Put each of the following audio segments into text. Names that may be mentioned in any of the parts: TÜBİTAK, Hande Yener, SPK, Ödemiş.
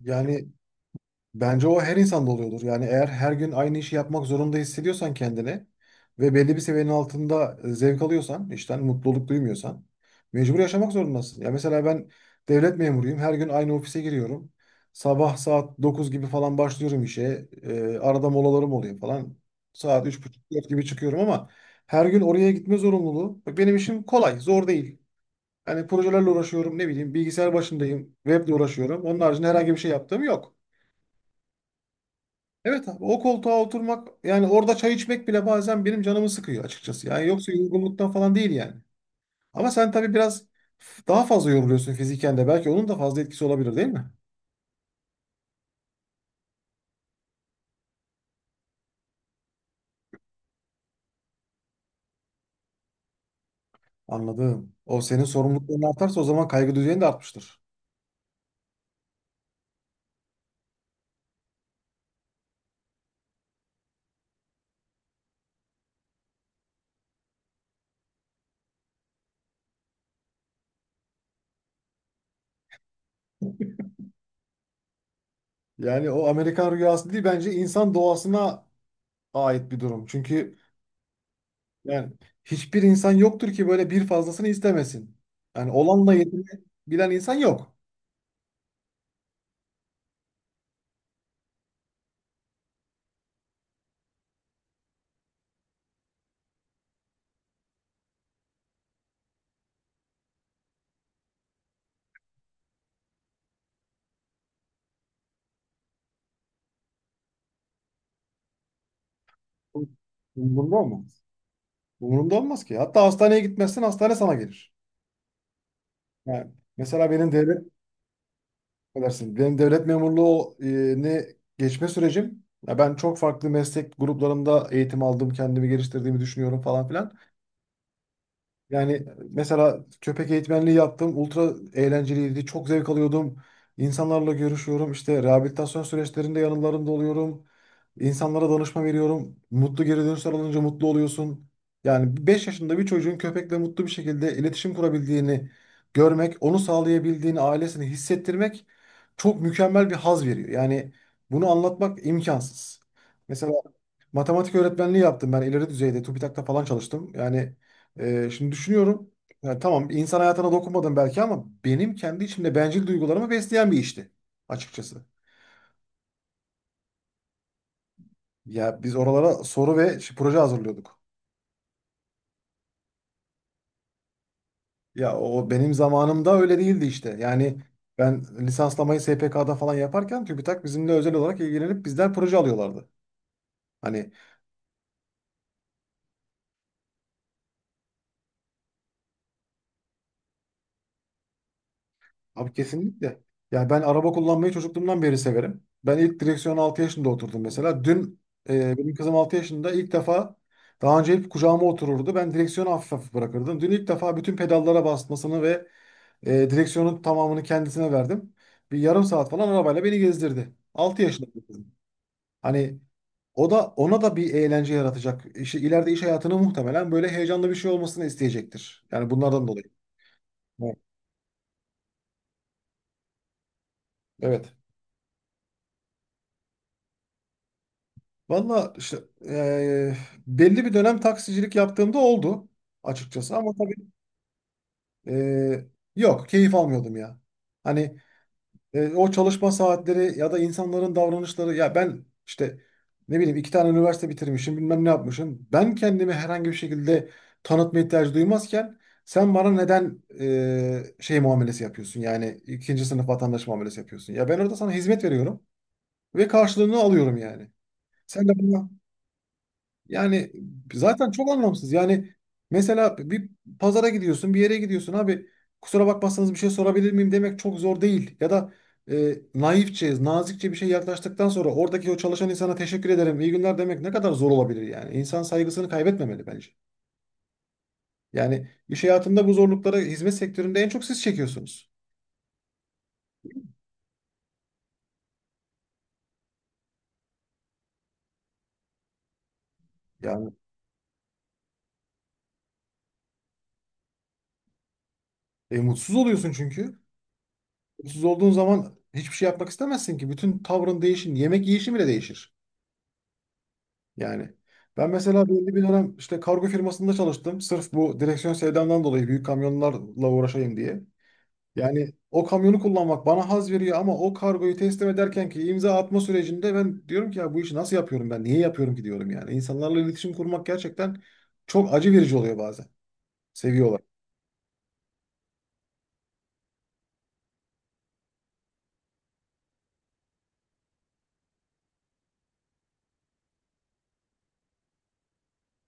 Yani bence o her insanda oluyordur. Yani eğer her gün aynı işi yapmak zorunda hissediyorsan kendini ve belli bir seviyenin altında zevk alıyorsan, işten mutluluk duymuyorsan mecbur yaşamak zorundasın. Ya mesela ben devlet memuruyum. Her gün aynı ofise giriyorum. Sabah saat 9 gibi falan başlıyorum işe. Arada molalarım oluyor falan. Saat üç buçuk dört gibi çıkıyorum ama her gün oraya gitme zorunluluğu. Bak benim işim kolay, zor değil. Hani projelerle uğraşıyorum, ne bileyim bilgisayar başındayım, weble uğraşıyorum. Onun haricinde herhangi bir şey yaptığım yok. Evet abi, o koltuğa oturmak yani orada çay içmek bile bazen benim canımı sıkıyor açıkçası. Yani yoksa yorgunluktan falan değil yani. Ama sen tabii biraz daha fazla yoruluyorsun fiziken de. Belki onun da fazla etkisi olabilir, değil mi? Anladım. O senin sorumlulukların artarsa o zaman kaygı düzeyin de artmıştır. Yani o Amerikan rüyası değil, bence insan doğasına ait bir durum. Çünkü yani hiçbir insan yoktur ki böyle bir fazlasını istemesin. Yani olanla yetinebilen insan yok. Bunda mı? Umurumda olmaz ki. Hatta hastaneye gitmezsen hastane sana gelir. Yani mesela benim devlet edersin. Benim devlet memurluğu geçme sürecim. Ya ben çok farklı meslek gruplarında eğitim aldım, kendimi geliştirdiğimi düşünüyorum falan filan. Yani mesela köpek eğitmenliği yaptım. Ultra eğlenceliydi. Çok zevk alıyordum. İnsanlarla görüşüyorum. İşte rehabilitasyon süreçlerinde yanlarında oluyorum. İnsanlara danışma veriyorum. Mutlu geri dönüşler alınca mutlu oluyorsun. Yani 5 yaşında bir çocuğun köpekle mutlu bir şekilde iletişim kurabildiğini görmek, onu sağlayabildiğini, ailesini hissettirmek çok mükemmel bir haz veriyor. Yani bunu anlatmak imkansız. Mesela matematik öğretmenliği yaptım, ben ileri düzeyde TÜBİTAK'ta falan çalıştım. Yani şimdi düşünüyorum. Yani tamam, insan hayatına dokunmadım belki ama benim kendi içimde bencil duygularımı besleyen bir işti açıkçası. Ya biz oralara soru ve proje hazırlıyorduk. Ya o benim zamanımda öyle değildi işte. Yani ben lisanslamayı SPK'da falan yaparken TÜBİTAK bizimle özel olarak ilgilenip bizden proje alıyorlardı. Hani. Abi kesinlikle. Ya ben araba kullanmayı çocukluğumdan beri severim. Ben ilk direksiyona 6 yaşında oturdum mesela. Dün benim kızım 6 yaşında ilk defa, daha önce hep kucağıma otururdu. Ben direksiyonu hafif hafif bırakırdım. Dün ilk defa bütün pedallara basmasını ve direksiyonun tamamını kendisine verdim. Bir yarım saat falan arabayla beni gezdirdi. 6 yaşında bir kızım. Hani o da, ona da bir eğlence yaratacak. İşte ileride iş hayatını muhtemelen böyle heyecanlı bir şey olmasını isteyecektir. Yani bunlardan dolayı. Evet. Evet. Valla işte belli bir dönem taksicilik yaptığımda oldu açıkçası ama tabii eee, yok, keyif almıyordum ya. Hani o çalışma saatleri ya da insanların davranışları, ya ben işte ne bileyim, iki tane üniversite bitirmişim, bilmem ne yapmışım. Ben kendimi herhangi bir şekilde tanıtma ihtiyacı duymazken sen bana neden şey muamelesi yapıyorsun, yani ikinci sınıf vatandaş muamelesi yapıyorsun. Ya ben orada sana hizmet veriyorum ve karşılığını alıyorum yani. Sen de bana yani zaten çok anlamsız. Yani mesela bir pazara gidiyorsun, bir yere gidiyorsun abi. Kusura bakmazsanız bir şey sorabilir miyim demek çok zor değil. Ya da naifçe, nazikçe bir şey yaklaştıktan sonra oradaki o çalışan insana teşekkür ederim, iyi günler demek ne kadar zor olabilir yani. İnsan saygısını kaybetmemeli bence. Yani iş hayatında bu zorlukları hizmet sektöründe en çok siz çekiyorsunuz. Yani mutsuz oluyorsun çünkü. Mutsuz olduğun zaman hiçbir şey yapmak istemezsin ki. Bütün tavrın değişir, yemek yiyişin bile değişir. Yani ben mesela belli bir dönem işte kargo firmasında çalıştım. Sırf bu direksiyon sevdamdan dolayı büyük kamyonlarla uğraşayım diye. Yani o kamyonu kullanmak bana haz veriyor ama o kargoyu teslim ederken ki imza atma sürecinde ben diyorum ki ya bu işi nasıl yapıyorum ben? Niye yapıyorum ki diyorum yani. İnsanlarla iletişim kurmak gerçekten çok acı verici oluyor bazen. Seviyorlar.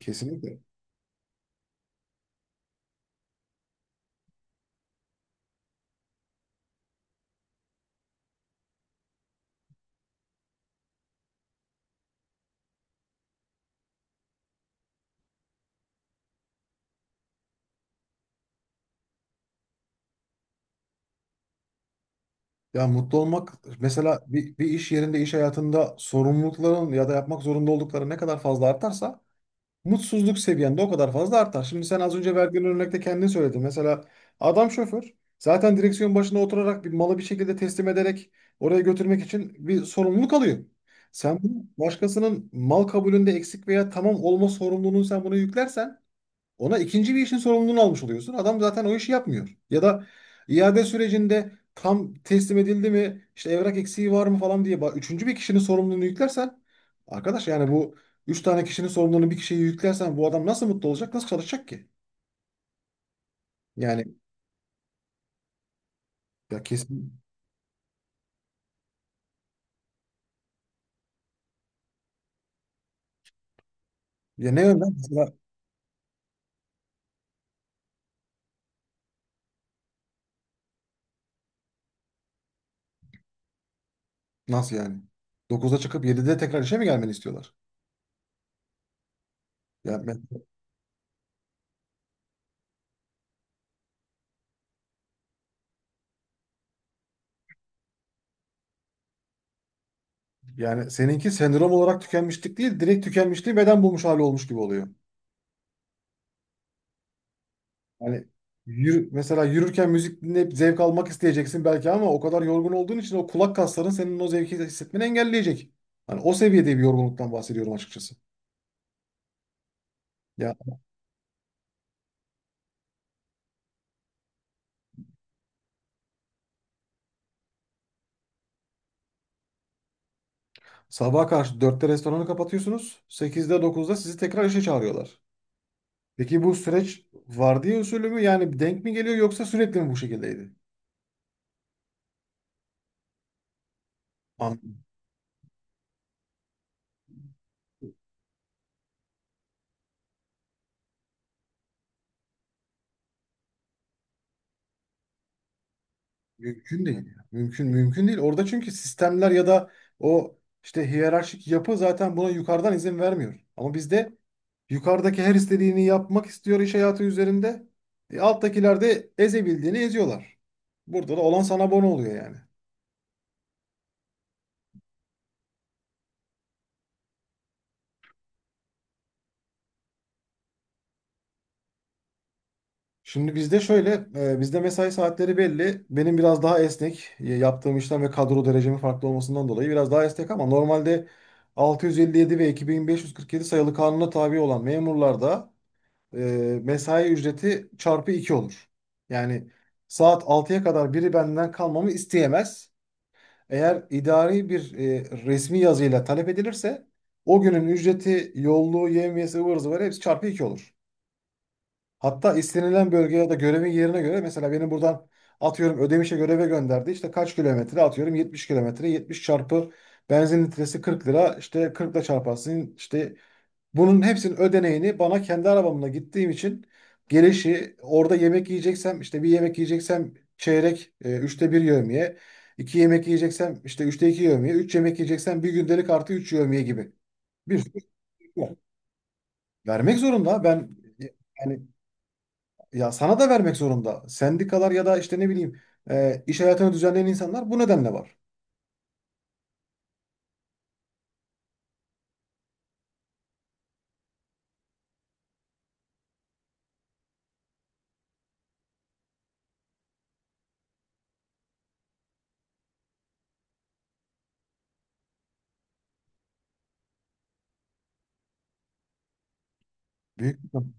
Kesinlikle. Ya mutlu olmak, mesela bir iş yerinde, iş hayatında sorumlulukların ya da yapmak zorunda oldukları ne kadar fazla artarsa mutsuzluk seviyende o kadar fazla artar. Şimdi sen az önce verdiğin örnekte kendin söyledin. Mesela adam şoför, zaten direksiyon başına oturarak bir malı bir şekilde teslim ederek oraya götürmek için bir sorumluluk alıyor. Sen bunu başkasının mal kabulünde eksik veya tamam olma sorumluluğunu sen buna yüklersen ona ikinci bir işin sorumluluğunu almış oluyorsun. Adam zaten o işi yapmıyor. Ya da iade sürecinde tam teslim edildi mi, işte evrak eksiği var mı falan diye üçüncü bir kişinin sorumluluğunu yüklersen, arkadaş yani bu üç tane kişinin sorumluluğunu bir kişiye yüklersen bu adam nasıl mutlu olacak, nasıl çalışacak ki? Yani ya kesin, ya ne yönden, mesela nasıl yani? Dokuzda çıkıp yedide tekrar işe mi gelmeni istiyorlar? Ya ben- Yani seninki sendrom olarak tükenmişlik değil, direkt tükenmişliği beden bulmuş hali olmuş gibi oluyor. Yani yürü, mesela yürürken müzik dinleyip zevk almak isteyeceksin belki ama o kadar yorgun olduğun için o kulak kasların senin o zevki hissetmeni engelleyecek. Hani o seviyede bir yorgunluktan bahsediyorum açıkçası. Ya sabaha karşı dörtte restoranı kapatıyorsunuz. Sekizde dokuzda sizi tekrar işe çağırıyorlar. Peki bu süreç vardiya usulü mü, yani denk mi geliyor, yoksa sürekli mi bu şekildeydi? Mümkün değil ya. Mümkün değil. Orada çünkü sistemler ya da o işte hiyerarşik yapı zaten buna yukarıdan izin vermiyor. Ama bizde yukarıdaki her istediğini yapmak istiyor iş hayatı üzerinde. E, alttakiler de ezebildiğini eziyorlar. Burada da olan sana bono oluyor yani. Şimdi bizde şöyle, bizde mesai saatleri belli. Benim biraz daha esnek, yaptığım işlem ve kadro derecemin farklı olmasından dolayı biraz daha esnek ama normalde 657 ve 2547 sayılı kanuna tabi olan memurlarda mesai ücreti çarpı 2 olur. Yani saat 6'ya kadar biri benden kalmamı isteyemez. Eğer idari bir resmi yazıyla talep edilirse o günün ücreti, yolluğu, yevmiyesi, ıvır zıvırı hepsi çarpı 2 olur. Hatta istenilen bölgeye ya da görevin yerine göre, mesela beni buradan atıyorum Ödemiş'e göreve gönderdi. İşte kaç kilometre, atıyorum 70 kilometre, 70 çarpı benzin litresi 40 lira, işte 40 ile çarparsın işte bunun hepsinin ödeneğini bana kendi arabamla gittiğim için gelişi, orada yemek yiyeceksem, işte bir yemek yiyeceksem çeyrek, üçte bir yevmiye. İki yemek yiyeceksem işte üçte iki yevmiye. Üç yemek yiyeceksem bir gündelik artı üç yevmiye gibi. Bir sürü şey var. Vermek zorunda. Ben yani ya, sana da vermek zorunda. Sendikalar ya da işte ne bileyim iş hayatını düzenleyen insanlar bu nedenle var. Büyük bir-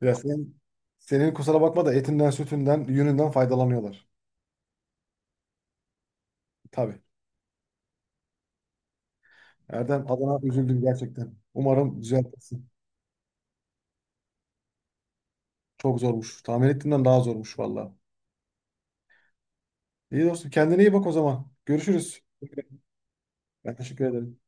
Ya sen, senin kusura bakma da etinden, sütünden, yününden faydalanıyorlar. Tabii. Erdem adına üzüldüm gerçekten. Umarım düzeltirsin. Çok zormuş. Tahmin ettiğimden daha zormuş valla. İyi dostum, kendine iyi bak o zaman. Görüşürüz. Ben teşekkür ederim.